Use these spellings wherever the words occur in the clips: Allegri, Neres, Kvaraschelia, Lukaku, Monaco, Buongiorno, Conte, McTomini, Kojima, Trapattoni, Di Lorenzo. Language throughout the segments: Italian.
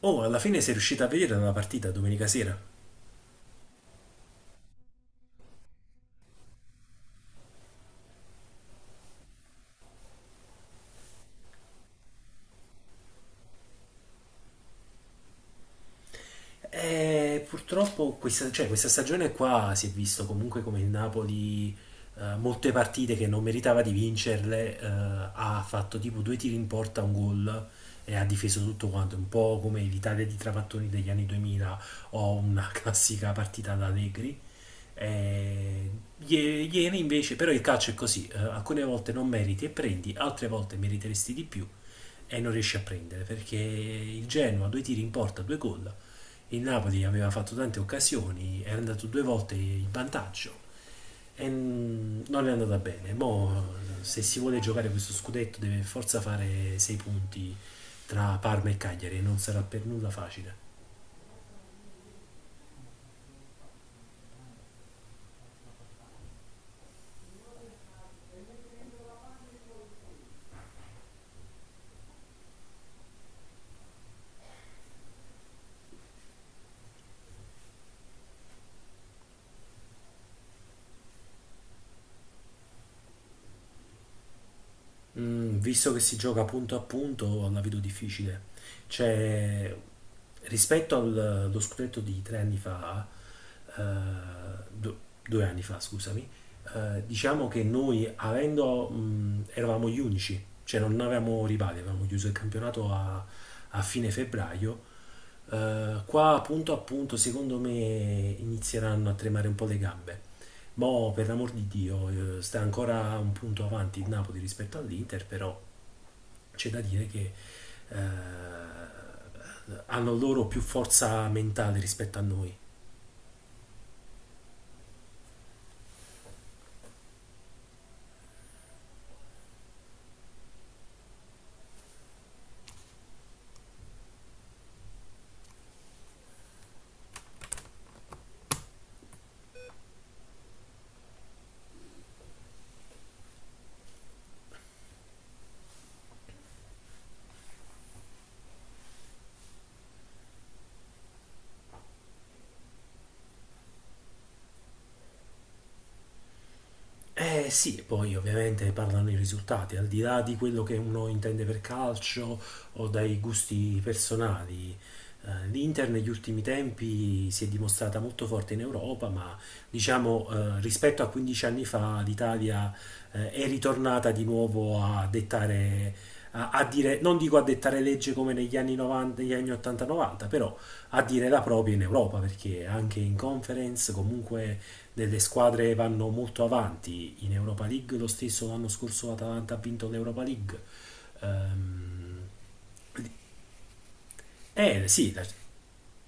Oh, alla fine sei riuscita a vedere la partita domenica sera? E purtroppo cioè, questa stagione qua si è visto comunque come il Napoli, molte partite che non meritava di vincerle. Ha fatto tipo due tiri in porta, un gol, e ha difeso tutto quanto, un po' come l'Italia di Trapattoni degli anni 2000 o una classica partita da Allegri. Eh, ieri invece, però il calcio è così, alcune volte non meriti e prendi, altre volte meriteresti di più e non riesci a prendere perché il Genoa due tiri in porta, due gol. Il Napoli aveva fatto tante occasioni, era andato due volte in vantaggio e non è andata bene. Mo, se si vuole giocare questo scudetto deve forza fare sei punti tra Parma e Cagliari e non sarà per nulla facile. Visto che si gioca punto a punto, la vedo difficile. Cioè, rispetto allo scudetto di 3 anni fa, eh, du- 2 anni fa, scusami, diciamo che noi avendo, eravamo gli unici, cioè non avevamo rivali, avevamo chiuso il campionato a fine febbraio. Qua appunto secondo me inizieranno a tremare un po' le gambe. Mo' per l'amor di Dio, sta ancora un punto avanti il Napoli rispetto all'Inter, però c'è da dire che eh, hanno loro più forza mentale rispetto a noi. Eh sì, e poi ovviamente parlano i risultati, al di là di quello che uno intende per calcio o dai gusti personali. L'Inter negli ultimi tempi si è dimostrata molto forte in Europa, ma diciamo, rispetto a 15 anni fa l'Italia è ritornata di nuovo a dettare, a dire, non dico a dettare legge come negli anni 90, negli anni 80-90, però a dire la propria in Europa, perché anche in conference comunque delle squadre vanno molto avanti in Europa League. Lo stesso l'anno scorso l'Atalanta ha vinto l'Europa League. Ehm, sì,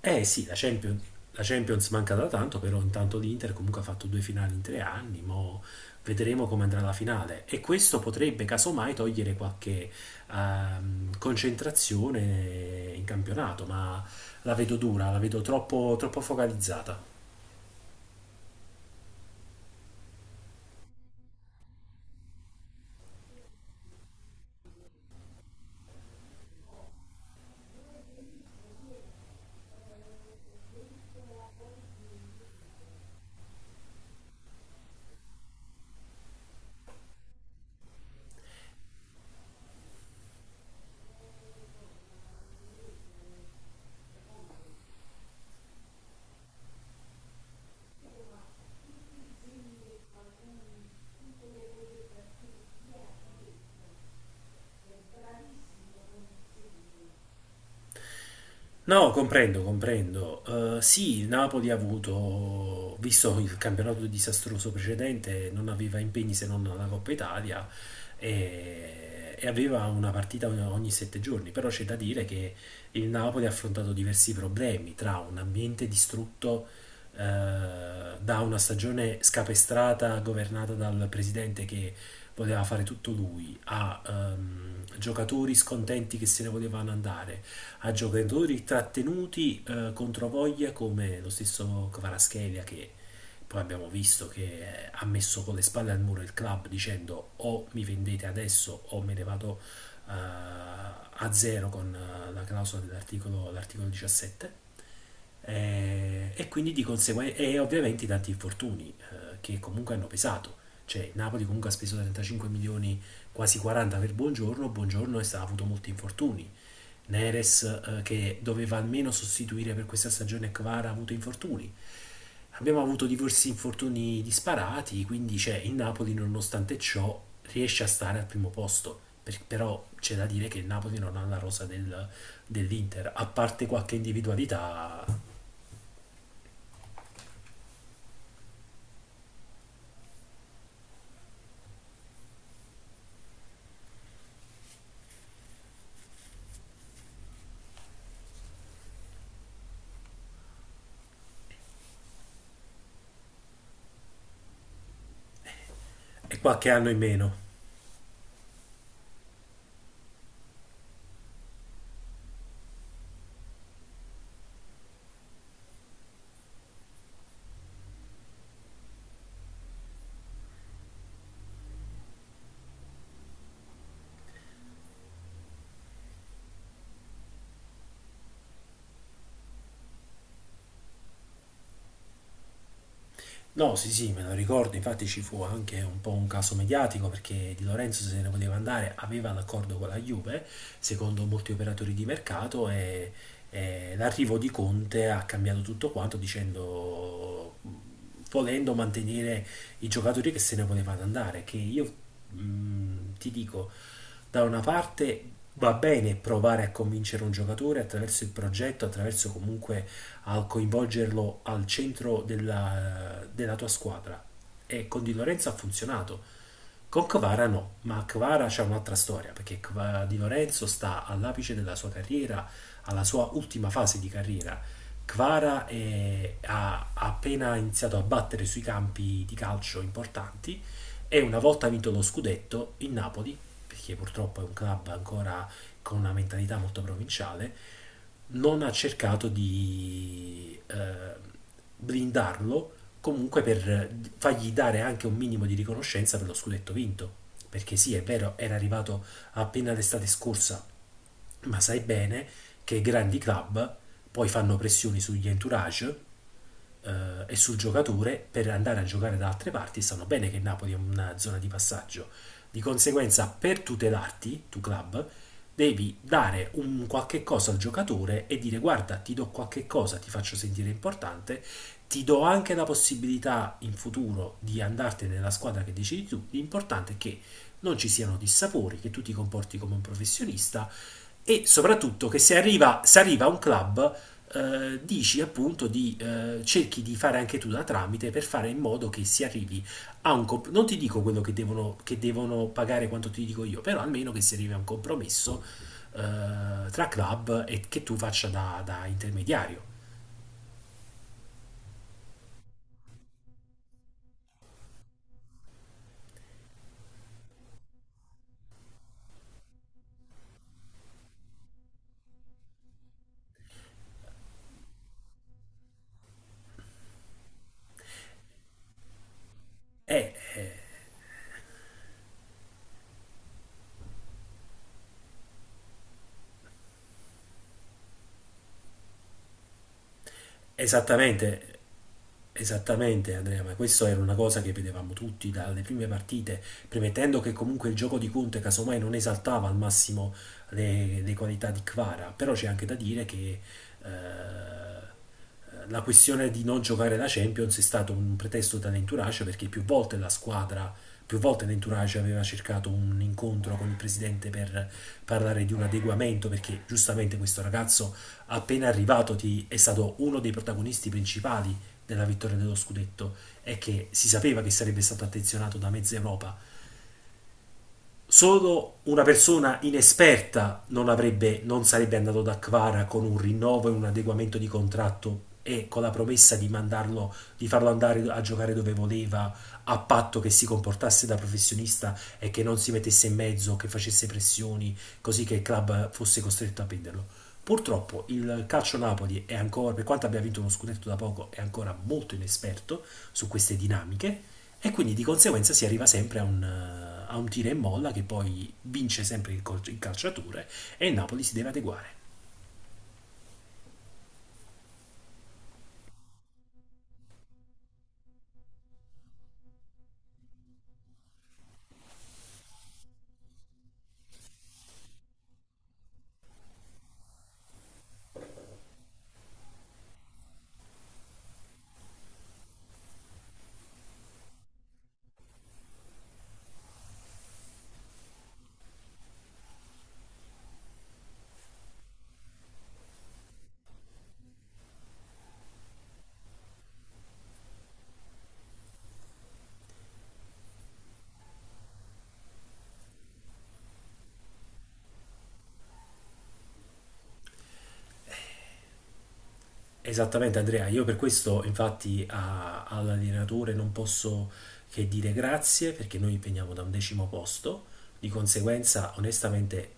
eh sì, la Champions manca da tanto, però intanto l'Inter comunque ha fatto due finali in 3 anni. Mo vedremo come andrà la finale e questo potrebbe casomai togliere qualche concentrazione in campionato, ma la vedo dura, la vedo troppo, troppo focalizzata. No, comprendo, comprendo. Sì, il Napoli ha avuto, visto il campionato disastroso precedente, non aveva impegni se non la Coppa Italia e aveva una partita ogni 7 giorni, però c'è da dire che il Napoli ha affrontato diversi problemi tra un ambiente distrutto da una stagione scapestrata governata dal presidente che voleva fare tutto lui, a giocatori scontenti che se ne volevano andare, a giocatori trattenuti contro voglia come lo stesso Kvaraschelia, che poi abbiamo visto che ha messo con le spalle al muro il club dicendo o mi vendete adesso o me ne vado a zero con la clausola dell'articolo l'articolo 17. E quindi di conseguenza e ovviamente i tanti infortuni che comunque hanno pesato, cioè il Napoli comunque ha speso 35 milioni, quasi 40, per Buongiorno. Buongiorno è stato, ha avuto molti infortuni. Neres, che doveva almeno sostituire per questa stagione Kvara, ha avuto infortuni. Abbiamo avuto diversi infortuni disparati, quindi c'è il Napoli, nonostante ciò, riesce a stare al primo posto. Però c'è da dire che il Napoli non ha la rosa dell'Inter, a parte qualche individualità e qualche anno in meno. No, sì, sì, me lo ricordo, infatti ci fu anche un po' un caso mediatico perché Di Lorenzo se ne voleva andare, aveva l'accordo con la Juve, secondo molti operatori di mercato, e l'arrivo di Conte ha cambiato tutto quanto, dicendo, volendo mantenere i giocatori che se ne volevano andare, che io, ti dico, da una parte va bene provare a convincere un giocatore attraverso il progetto, attraverso comunque a coinvolgerlo al centro della tua squadra. E con Di Lorenzo ha funzionato. Con Kvara no, ma Kvara c'è un'altra storia, perché Di Lorenzo sta all'apice della sua carriera, alla sua ultima fase di carriera. Kvara ha appena iniziato a battere sui campi di calcio importanti e, una volta vinto lo scudetto, il Napoli, perché purtroppo è un club ancora con una mentalità molto provinciale, non ha cercato di blindarlo comunque per fargli dare anche un minimo di riconoscenza per lo scudetto vinto. Perché sì, è vero, era arrivato appena l'estate scorsa, ma sai bene che grandi club poi fanno pressioni sugli entourage e sul giocatore per andare a giocare da altre parti, sanno bene che Napoli è una zona di passaggio. Di conseguenza, per tutelarti, tu club, devi dare un qualche cosa al giocatore e dire guarda, ti do qualche cosa, ti faccio sentire importante, ti do anche la possibilità in futuro di andartene nella squadra che decidi tu. L'importante è che non ci siano dissapori, che tu ti comporti come un professionista e soprattutto che se arriva a un club, dici appunto di, cerchi di fare anche tu da tramite per fare in modo che si arrivi a un non ti dico quello che devono pagare quanto ti dico io, però almeno che si arrivi a un compromesso tra club e che tu faccia da intermediario. Eh, eh, esattamente, Esattamente Andrea, ma questo era una cosa che vedevamo tutti dalle prime partite, premettendo che comunque il gioco di Conte casomai non esaltava al massimo le qualità di Kvara, però c'è anche da dire che la questione di non giocare la Champions è stato un pretesto dall'entourage, perché più volte la squadra, più volte l'entourage aveva cercato un incontro con il presidente per parlare di un adeguamento, perché giustamente questo ragazzo appena arrivato ti- è stato uno dei protagonisti principali della vittoria dello scudetto, è che si sapeva che sarebbe stato attenzionato da mezza Europa. Solo una persona inesperta non sarebbe andato da Kvara con un rinnovo e un adeguamento di contratto e con la promessa di, mandarlo, di farlo andare a giocare dove voleva, a patto che si comportasse da professionista e che non si mettesse in mezzo, che facesse pressioni, così che il club fosse costretto a venderlo. Purtroppo il calcio Napoli è ancora, per quanto abbia vinto uno scudetto da poco, è ancora molto inesperto su queste dinamiche e quindi di conseguenza si arriva sempre a un tira e molla, che poi vince sempre il calciatore e il Napoli si deve adeguare. Esattamente Andrea, io per questo infatti all'allenatore non posso che dire grazie, perché noi veniamo da un decimo posto. Di conseguenza, onestamente,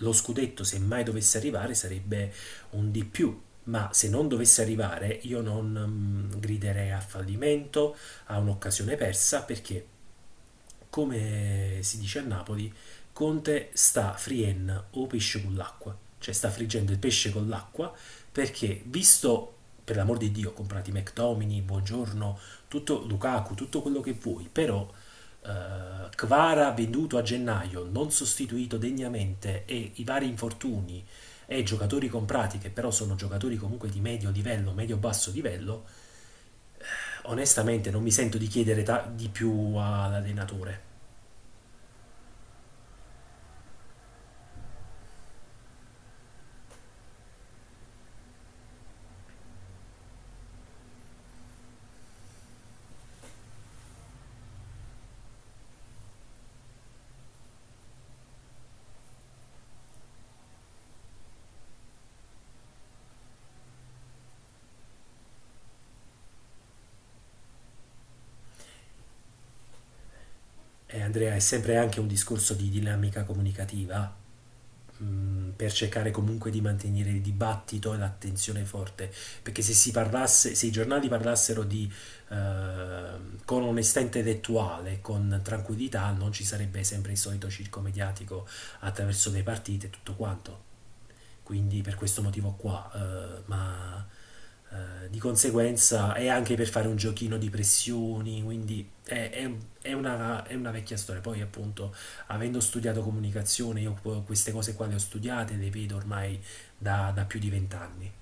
lo scudetto, se mai dovesse arrivare, sarebbe un di più, ma se non dovesse arrivare io non griderei a fallimento, a un'occasione persa, perché, come si dice a Napoli, Conte sta frien o pesce con l'acqua, cioè sta friggendo il pesce con l'acqua, perché visto, per l'amor di Dio, comprati McTomini, Buongiorno, tutto Lukaku, tutto quello che vuoi, però Kvara venduto a gennaio, non sostituito degnamente, e i vari infortuni, e giocatori comprati che però sono giocatori comunque di medio livello, medio basso livello. Onestamente non mi sento di chiedere di più all'allenatore. Andrea, è sempre anche un discorso di dinamica comunicativa, per cercare comunque di mantenere il dibattito e l'attenzione forte, perché se si parlasse, se i giornali parlassero eh, con onestà intellettuale, con tranquillità, non ci sarebbe sempre il solito circo mediatico attraverso le partite e tutto quanto, quindi per questo motivo qua, ma di conseguenza è anche per fare un giochino di pressioni, quindi è una vecchia storia. Poi appunto, avendo studiato comunicazione, io queste cose qua le ho studiate, le vedo ormai da più di vent'anni.